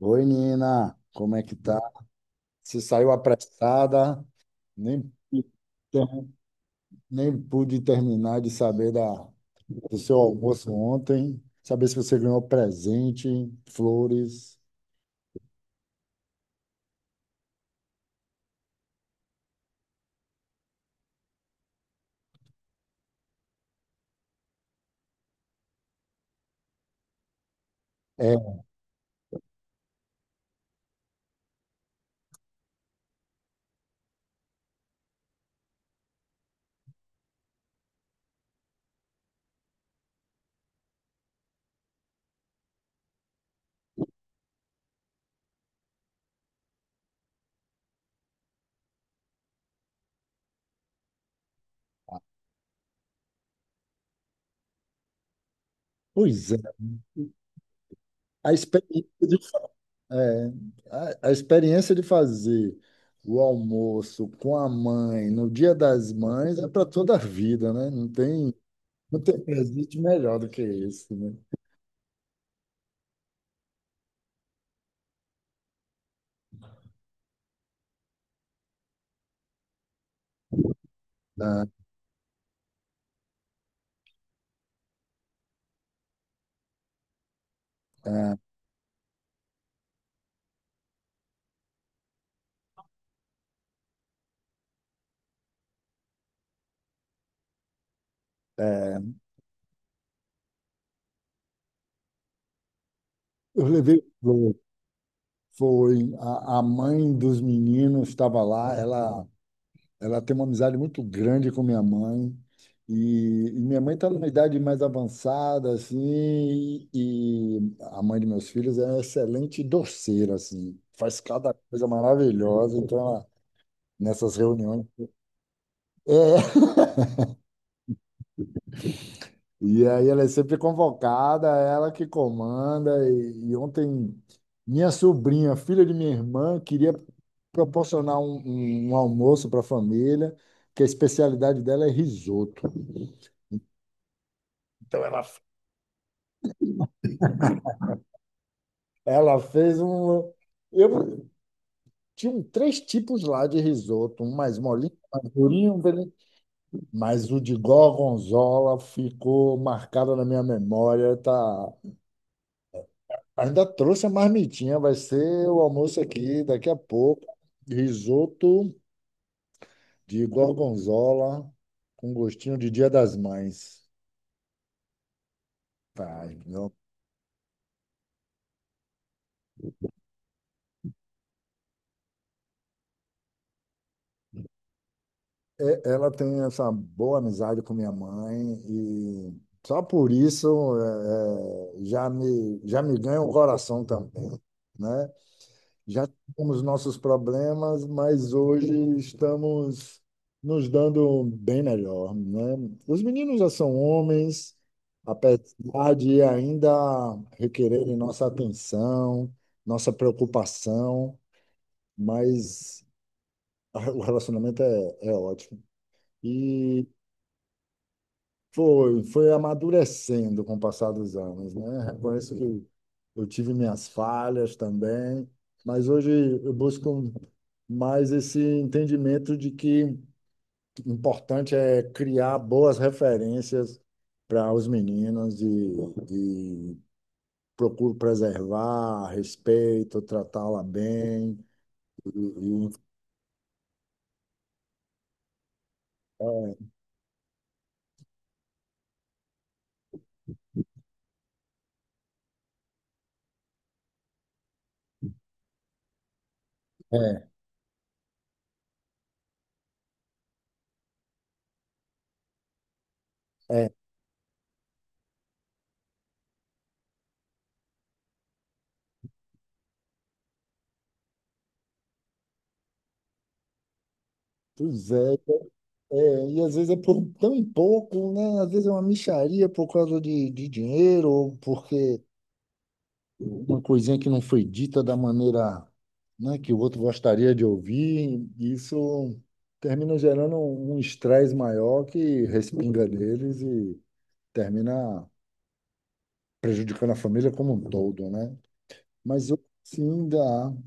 Oi, Nina, como é que tá? Você saiu apressada, nem, pude ter- nem pude terminar de saber do seu almoço ontem, saber se você ganhou presente, flores. É, pois é, a experiência de, é, a experiência de fazer o almoço com a mãe no Dia das Mães é para toda a vida, né? Não tem presente melhor do que esse, né? Ah, ah, é. Eu levei flores. Foi a mãe dos meninos estava lá. Ela tem uma amizade muito grande com minha mãe. E minha mãe está numa idade mais avançada, assim, e a mãe de meus filhos é uma excelente doceira, assim, faz cada coisa maravilhosa. Então, ela, nessas reuniões. É, e aí ela é sempre convocada, ela que comanda. E ontem, minha sobrinha, filha de minha irmã, queria proporcionar um, um almoço para a família, que a especialidade dela é risoto. Então ela fez um. Eu tinha três tipos lá de risoto, um mais molinho, um mais durinho, mas o de gorgonzola ficou marcado na minha memória, tá? Ainda trouxe a marmitinha, vai ser o almoço aqui daqui a pouco. Risoto de gorgonzola com gostinho de Dia das Mães. Tá, então é, ela tem essa boa amizade com minha mãe e só por isso é, é, já me ganha o coração também, né? Já tivemos nossos problemas, mas hoje estamos nos dando bem melhor, né? Os meninos já são homens, apesar de ainda requererem nossa atenção, nossa preocupação, mas o relacionamento é ótimo. E foi, foi amadurecendo com o passar dos anos, né? Reconheço que eu tive minhas falhas também, mas hoje eu busco mais esse entendimento de que o importante é criar boas referências para os meninos e procuro preservar, respeito, tratá-la bem. E, e, é, é, pois é, é, e às vezes é por tão pouco, né? Às vezes é uma mixaria por causa de dinheiro, ou porque uma coisinha que não foi dita da maneira, né, que o outro gostaria de ouvir. Isso termina gerando um estresse maior que respinga deles e termina prejudicando a família como um todo, né? Mas eu sim dá,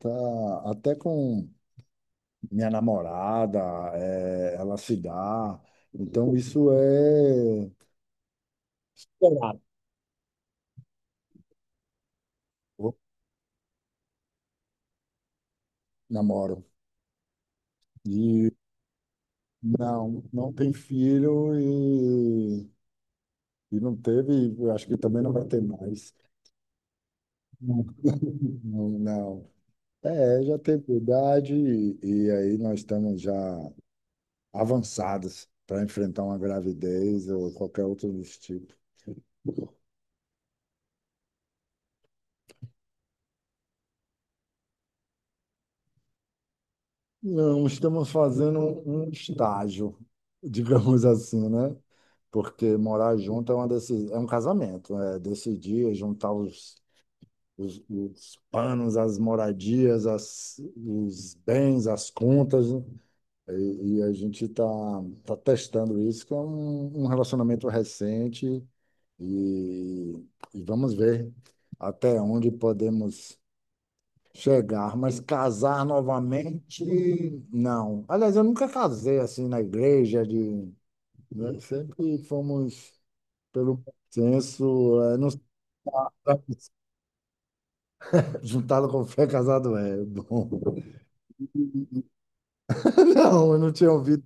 tá, até com minha namorada, é, ela se dá. Então isso é eu namoro. E não, não tem filho e não teve, eu acho que também não vai ter mais. Não, não. É, já tem idade e aí nós estamos já avançados para enfrentar uma gravidez ou qualquer outro desse tipo. Não, estamos fazendo um estágio, digamos assim, né? Porque morar junto é uma decisão, é um casamento, é decidir é juntar os panos, as moradias, os bens, as contas, né? E a gente está tá testando isso, que é um, um relacionamento recente, e, e vamos ver até onde podemos chegar, mas casar novamente, não. Aliás, eu nunca casei assim na igreja, de, né? Sempre fomos pelo senso eh, não juntado com fé, casado é bom. Não, eu não tinha ouvido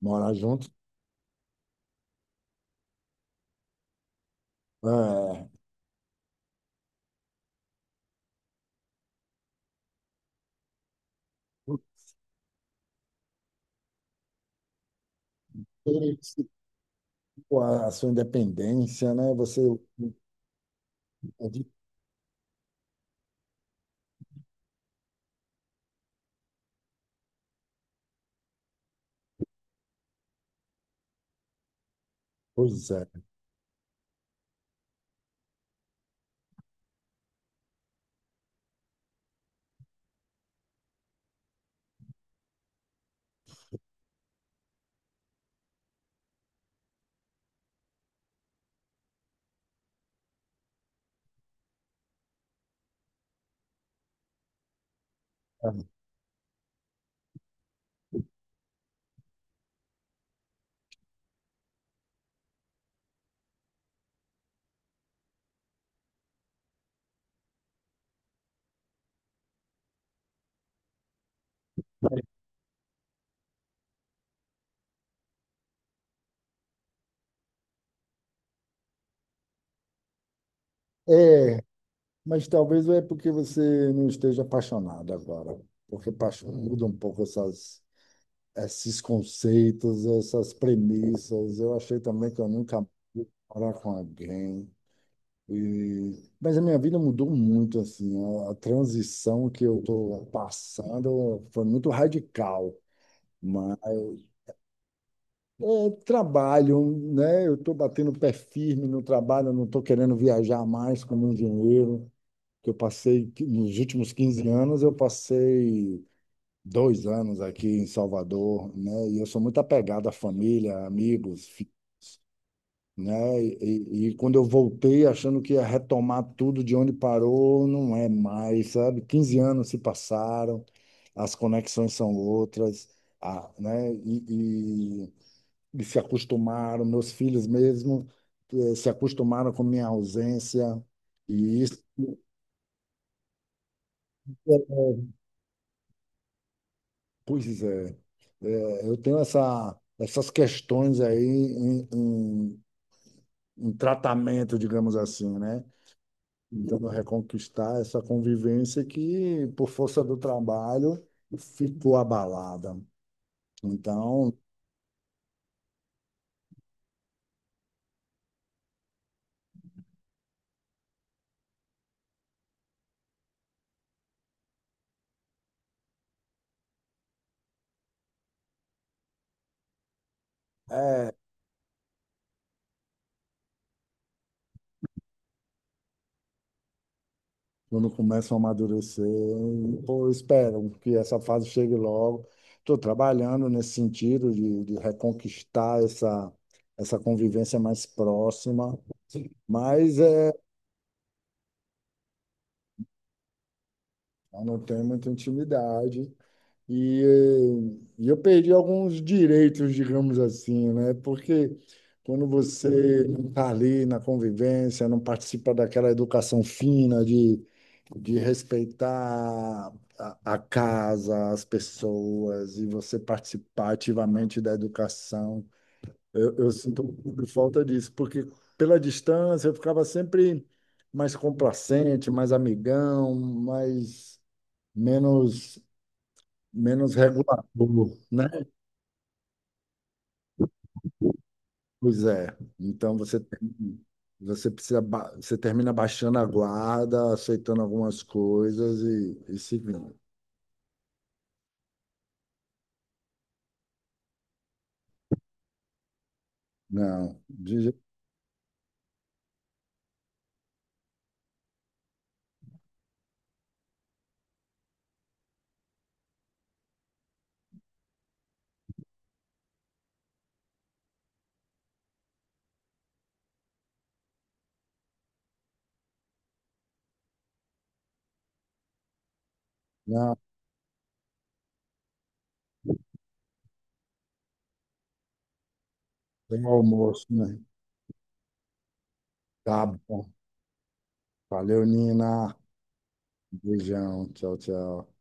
morar junto. É, ter esse- a sua independência, né? Você. Pois é. É, mas talvez é porque você não esteja apaixonado agora. Porque paixão muda um pouco essas, esses conceitos, essas premissas. Eu achei também que eu nunca ia morar com alguém. E... Mas a minha vida mudou muito, assim. A transição que eu estou passando foi muito radical. Mas é trabalho, né? Eu estou batendo o pé firme no trabalho, eu não estou querendo viajar mais como engenheiro, que eu passei, que nos últimos 15 anos, eu passei 2 anos aqui em Salvador, né? E eu sou muito apegado à família, amigos, fi- né? E quando eu voltei achando que ia retomar tudo de onde parou, não é mais, sabe? 15 anos se passaram, as conexões são outras, a, né? E se acostumaram, meus filhos mesmo, eh, se acostumaram com minha ausência. E isso, pois é, é, eu tenho essa, essas questões aí em, em, em tratamento, digamos assim, né? Tentando reconquistar essa convivência que, por força do trabalho, ficou abalada. Então, é, quando começam a amadurecer, pô, esperam que essa fase chegue logo. Estou trabalhando nesse sentido de reconquistar essa, essa convivência mais próxima, mas é, eu não tenho muita intimidade. E, eh, eu perdi alguns direitos, digamos assim, né? Porque quando você não está ali na convivência, não participa daquela educação fina de respeitar a casa, as pessoas, e você participar ativamente da educação, eu sinto um pouco de falta disso, porque pela distância eu ficava sempre mais complacente, mais amigão, mais menos menos regulador, né? Pois é. Então você tem- você precisa ba- você termina baixando a guarda, aceitando algumas coisas e seguindo. Não, de, je- não, tem um almoço, né? Tá bom. Valeu, Nina. Beijão. Tchau, tchau.